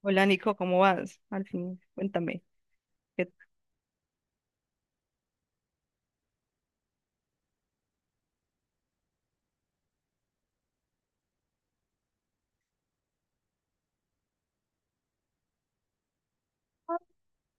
Hola Nico, ¿cómo vas? Al fin, cuéntame. ¿qué-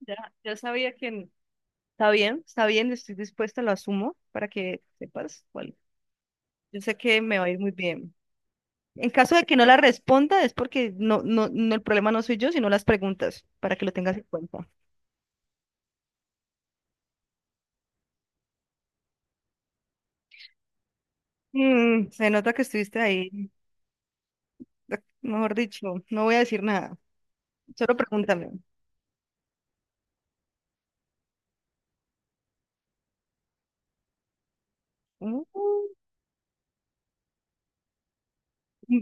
Ya, ya sabía que está bien, estoy dispuesta, lo asumo para que sepas. Bueno, yo sé que me va a ir muy bien. En caso de que no la responda, es porque no, no, no, el problema no soy yo, sino las preguntas, para que lo tengas en cuenta. Se nota que estuviste ahí. Mejor dicho, no voy a decir nada, solo pregúntame. Mm,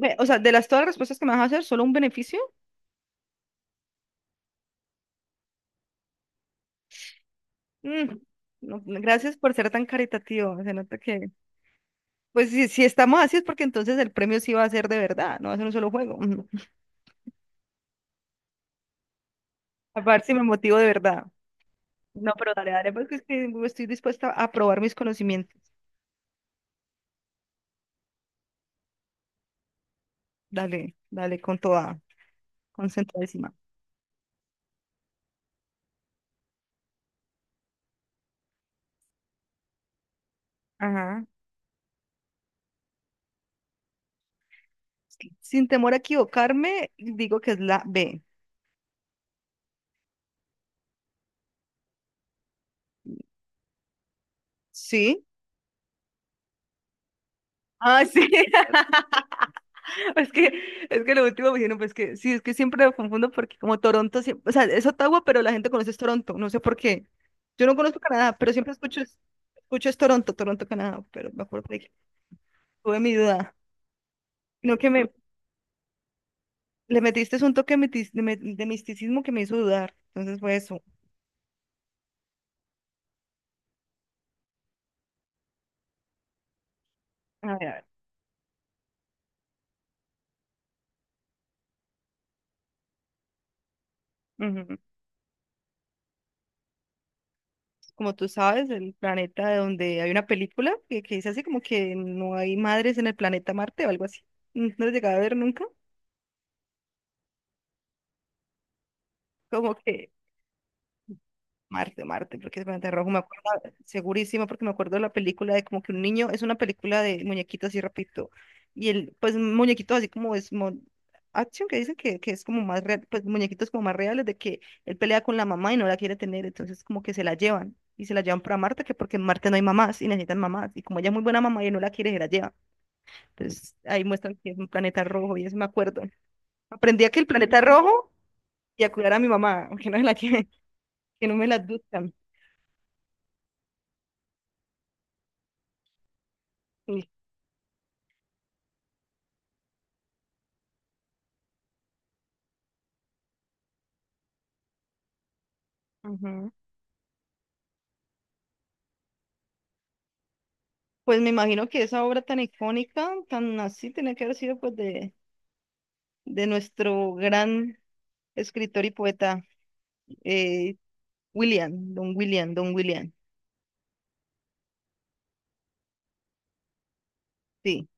O sea, de las todas las respuestas que me vas a hacer, ¿solo un beneficio? Mm, no, gracias por ser tan caritativo, se nota que. Pues si, si estamos así es porque entonces el premio sí va a ser de verdad, no va a ser un solo juego. A ver si me motivo de verdad. No, pero dale, dale, porque es que estoy dispuesta a probar mis conocimientos. Dale, dale, con toda, concentradísima. Ajá. Sin temor a equivocarme, digo que es la B. ¿Sí? Ah, sí. Es que, es que lo último me dijeron, pues que sí, es que siempre lo confundo porque como Toronto, siempre, o sea, es Ottawa, pero la gente conoce es Toronto, no sé por qué. Yo no conozco Canadá, pero siempre escucho, escucho es Toronto, Toronto, Canadá, pero me acuerdo que tuve mi duda. No que me, le metiste es un toque de, de misticismo que me hizo dudar, entonces fue eso. A ver, a ver. Ujú. Como tú sabes, el planeta donde hay una película que dice así como que no hay madres en el planeta Marte o algo así. ¿No lo llegaba a ver nunca? Como que. Marte, Marte, porque el planeta rojo me acuerdo segurísimo, porque me acuerdo de la película de como que un niño, es una película de muñequitos así rapidito, y pues muñequitos así como es action, que dicen que es como más real, pues muñequitos como más reales, de que él pelea con la mamá y no la quiere tener, entonces como que se la llevan, y se la llevan para Marte, que porque en Marte no hay mamás, y necesitan mamás, y como ella es muy buena mamá y él no la quiere, se la lleva, entonces ahí muestran que es un planeta rojo, y eso me acuerdo. Aprendí a que el planeta rojo, y a cuidar a mi mamá, aunque no es la que, que no me la adoptan. Sí. Ujú. Pues me imagino que esa obra tan icónica, tan así, tenía que haber sido pues de nuestro gran escritor y poeta, eh, Don William, Don William. Sí.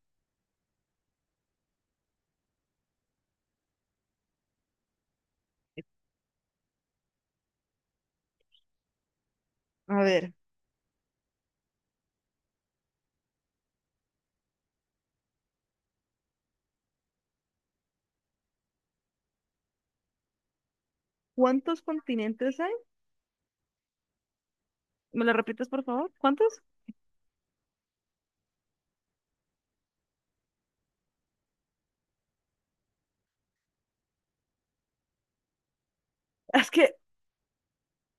A ver, ¿cuántos continentes hay? ¿Me lo repites, por favor? ¿Cuántos? Es que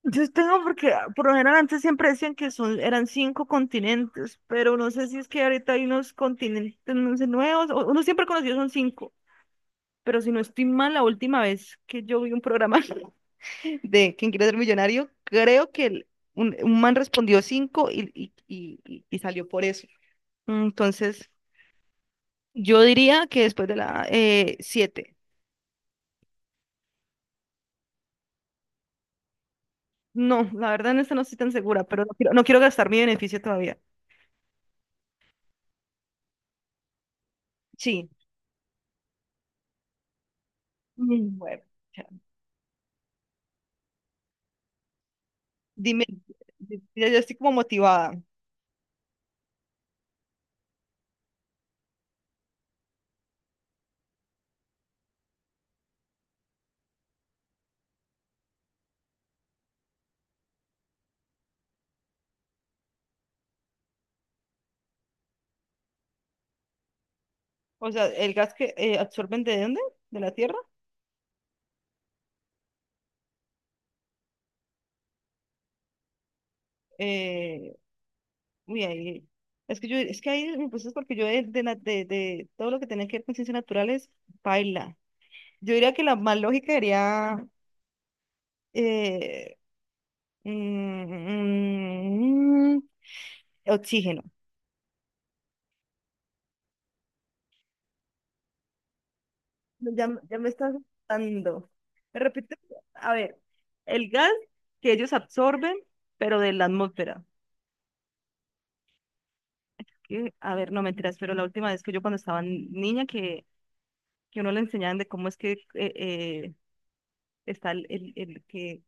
yo tengo porque por lo general antes siempre decían que eran cinco continentes, pero no sé si es que ahorita hay unos continentes, no sé, nuevos, uno siempre conocido son cinco, pero si no estoy mal, la última vez que yo vi un programa de ¿Quién quiere ser millonario? Creo que un man respondió cinco y salió por eso. Entonces, yo diría que después de la siete. No, la verdad en esta no estoy tan segura, pero no quiero gastar mi beneficio todavía. Sí. Mm, bueno, ya. Dime, ya ya estoy como motivada. ¿O sea, el gas que absorben de dónde? ¿De la tierra? Eh, uy, ahí. Es que ahí me puse porque yo de todo lo que tenía que ver con ciencias naturales, baila. Yo diría que la más lógica sería eh, mm, mm, oxígeno. Ya me estás dando. Me repito, a ver, el gas que ellos absorben, pero de la atmósfera. A ver, no mentiras, pero la última vez que yo cuando estaba niña que uno le enseñaban de cómo es que está el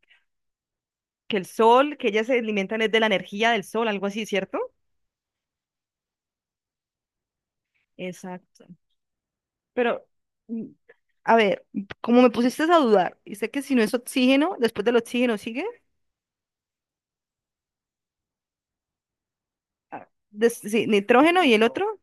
que el sol, que ellas se alimentan es de la energía del sol, algo así, ¿cierto? Exacto. Pero, mm, a ver, como me pusiste a dudar, y sé que si no es oxígeno, después del oxígeno sigue. Sí, nitrógeno y el otro,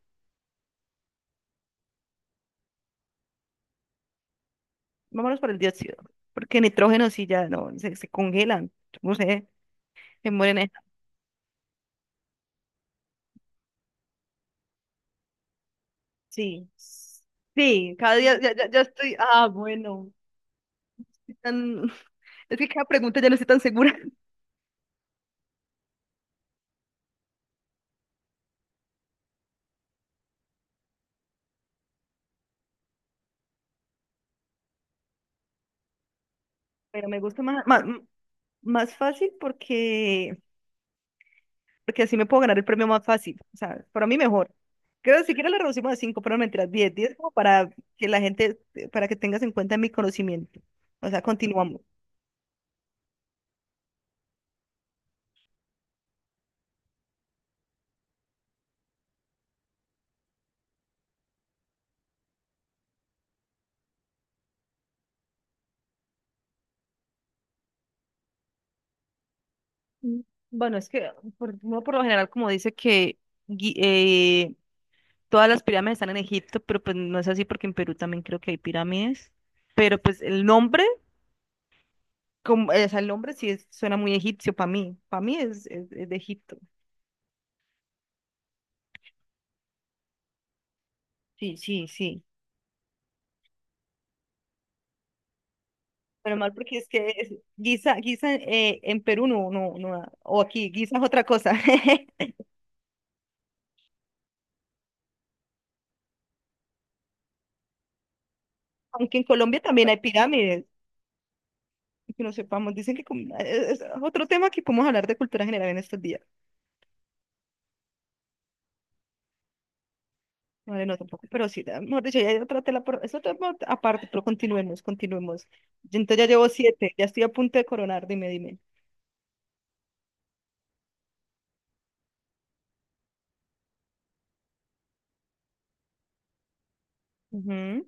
vámonos por el dióxido, porque nitrógeno sí ya no, se congelan, no sé, se mueren. Sí, sí, cada día ya, ya, ya estoy, bueno, estoy es que cada pregunta ya no estoy tan segura, pero me gusta más, más, más fácil porque así me puedo ganar el premio más fácil, o sea, para mí mejor. Creo que siquiera le reducimos a 5 pero no mentiras, 10 10 como para que la gente, para que tengas en cuenta mi conocimiento. O sea, continuamos. Mm, bueno, es que uno por lo general como dice que gui- eh, todas las pirámides están en Egipto, pero pues no es así porque en Perú también creo que hay pirámides. Pero pues el nombre, como, o sea, el nombre sí suena muy egipcio para mí. Para mí es de Egipto. Sí, sí, sí. Menos mal porque es que guisa, guisa en Perú no, no, no, o aquí, guisa es otra cosa. Aunque en Colombia también hay pirámides, que no sepamos, dicen que es otro tema que podemos hablar de cultura general en estos días. Vale, no tampoco, pero sí, mejor dicho, ya hay otra tela, es otro tema aparte, pero continuemos, continuemos. Yo entonces ya llevo siete, ya estoy a punto de coronar, dime, dime. Ujú.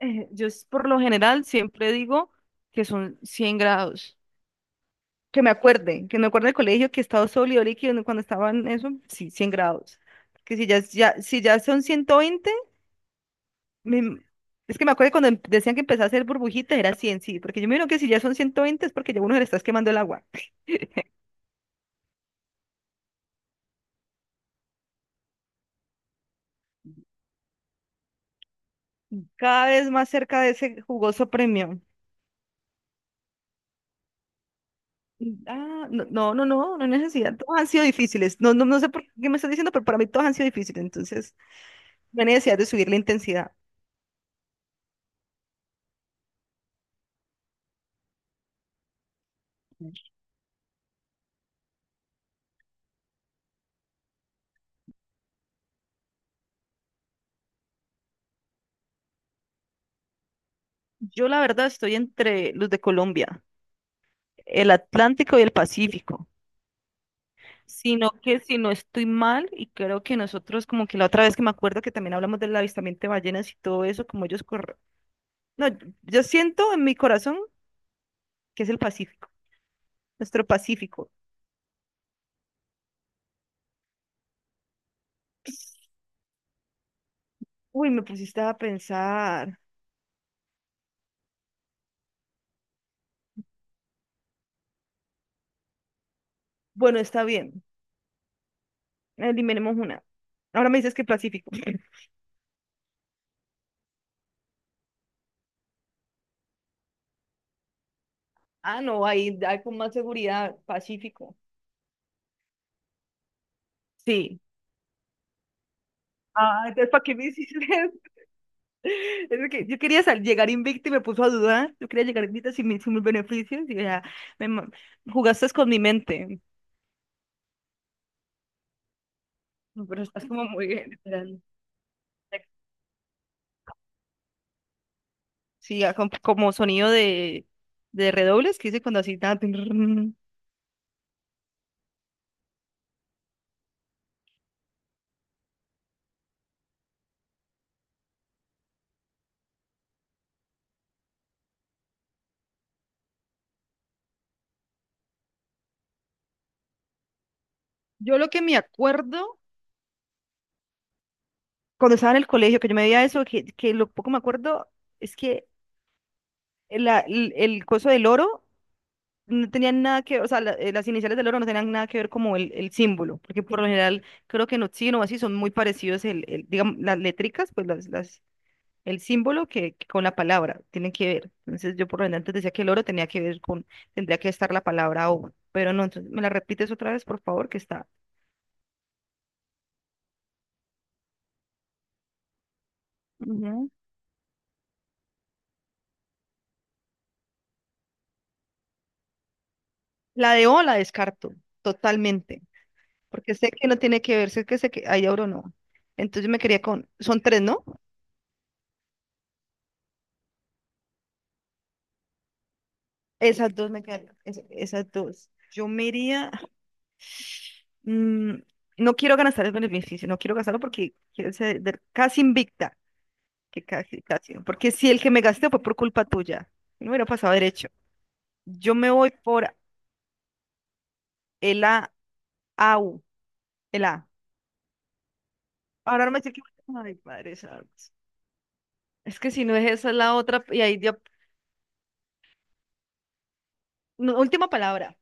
Yo por lo general siempre digo que son 100 grados. Que me acuerde del colegio que estado sólido líquido ¿no? Cuando estaban eso, sí, 100 grados. Que si ya, ya, si ya son 120, me- es que me acuerdo cuando decían que empezaba a hacer burbujitas, era 100, sí, porque yo me imagino que si ya son 120 es porque ya uno se le está quemando el agua. Cada vez más cerca de ese jugoso premio. Ah, no, no, no, no, no hay necesidad. Todos han sido difíciles. No, no, no sé por qué me estás diciendo, pero para mí todos han sido difíciles. Entonces, no hay necesidad de subir la intensidad. Yo la verdad estoy entre los de Colombia, el Atlántico y el Pacífico. Sino que si no estoy mal, y creo que nosotros, como que la otra vez que me acuerdo que también hablamos del avistamiento de ballenas y todo eso, como ellos corren. No, yo siento en mi corazón que es el Pacífico, nuestro Pacífico. Uy, me pusiste a pensar. Bueno, está bien, eliminemos una. Ahora me dices que Pacífico. Ah, no, ahí hay con más seguridad, Pacífico. Sí. Ah, entonces, ¿para qué me hiciste? Es que yo quería llegar invicta y me puso a dudar. Yo quería llegar invicta sin mis beneficios y ya me ma- jugaste con mi mente. No, pero estás como muy bien, literal. Sí, ya como sonido de redobles que hice cuando así. Tan, tin, rin. Yo lo que me acuerdo cuando estaba en el colegio, que yo me veía eso, que lo poco me acuerdo es que el coso del oro no tenían nada que ver, o sea, las iniciales del oro no tenían nada que ver como el símbolo, porque por lo general creo que en oxígeno o así son muy parecidos, el, digamos, las létricas, pues las, el símbolo que con la palabra tienen que ver. Entonces yo por lo general antes decía que el oro tenía que ver con, tendría que estar la palabra O, pero no, entonces me la repites otra vez, por favor, que está. Ujú. La de O la descarto totalmente, porque sé que no tiene que ver, sé que hay oro no. Entonces me quería con, son tres, ¿no? Esas dos me quedan, esas dos. Yo me iría, mm, no quiero gastar el beneficio, no quiero gastarlo porque quiero ser casi invicta, que casi, casi, porque si el que me gasté fue por culpa tuya, no hubiera pasado derecho. Yo me voy por el A, Au, el A. Ahora no me dice que, ay, padre, santo. Es que si no es esa es la otra, y ahí dio, no, última palabra,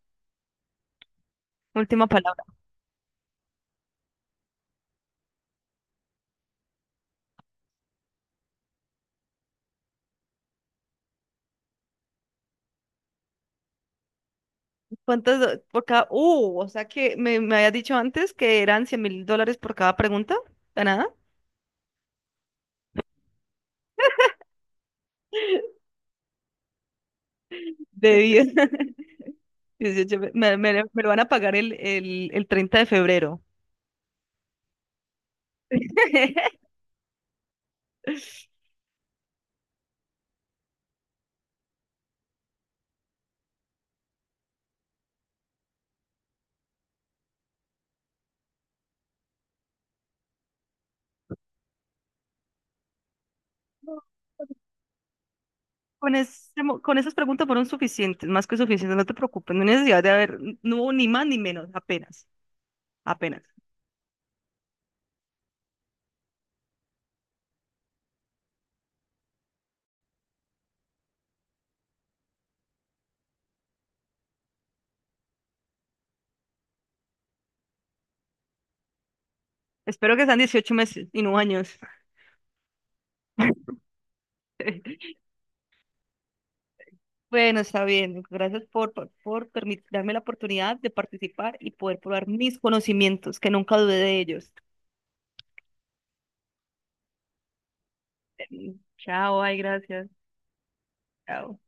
última palabra. ¿Cuántas, por cada, o sea que me habías dicho antes que eran $100,000 por cada pregunta, ganada? De 10 18 me lo van a pagar el 30 de febrero. Con esas preguntas fueron suficientes, más que suficientes, no te preocupes, no hay necesidad de haber, no hubo ni más ni menos, apenas, apenas. Espero que sean 18 meses y no años. Bueno, está bien, gracias darme la oportunidad de participar y poder probar mis conocimientos, que nunca dudé de ellos. Chao, ay, gracias. Chao.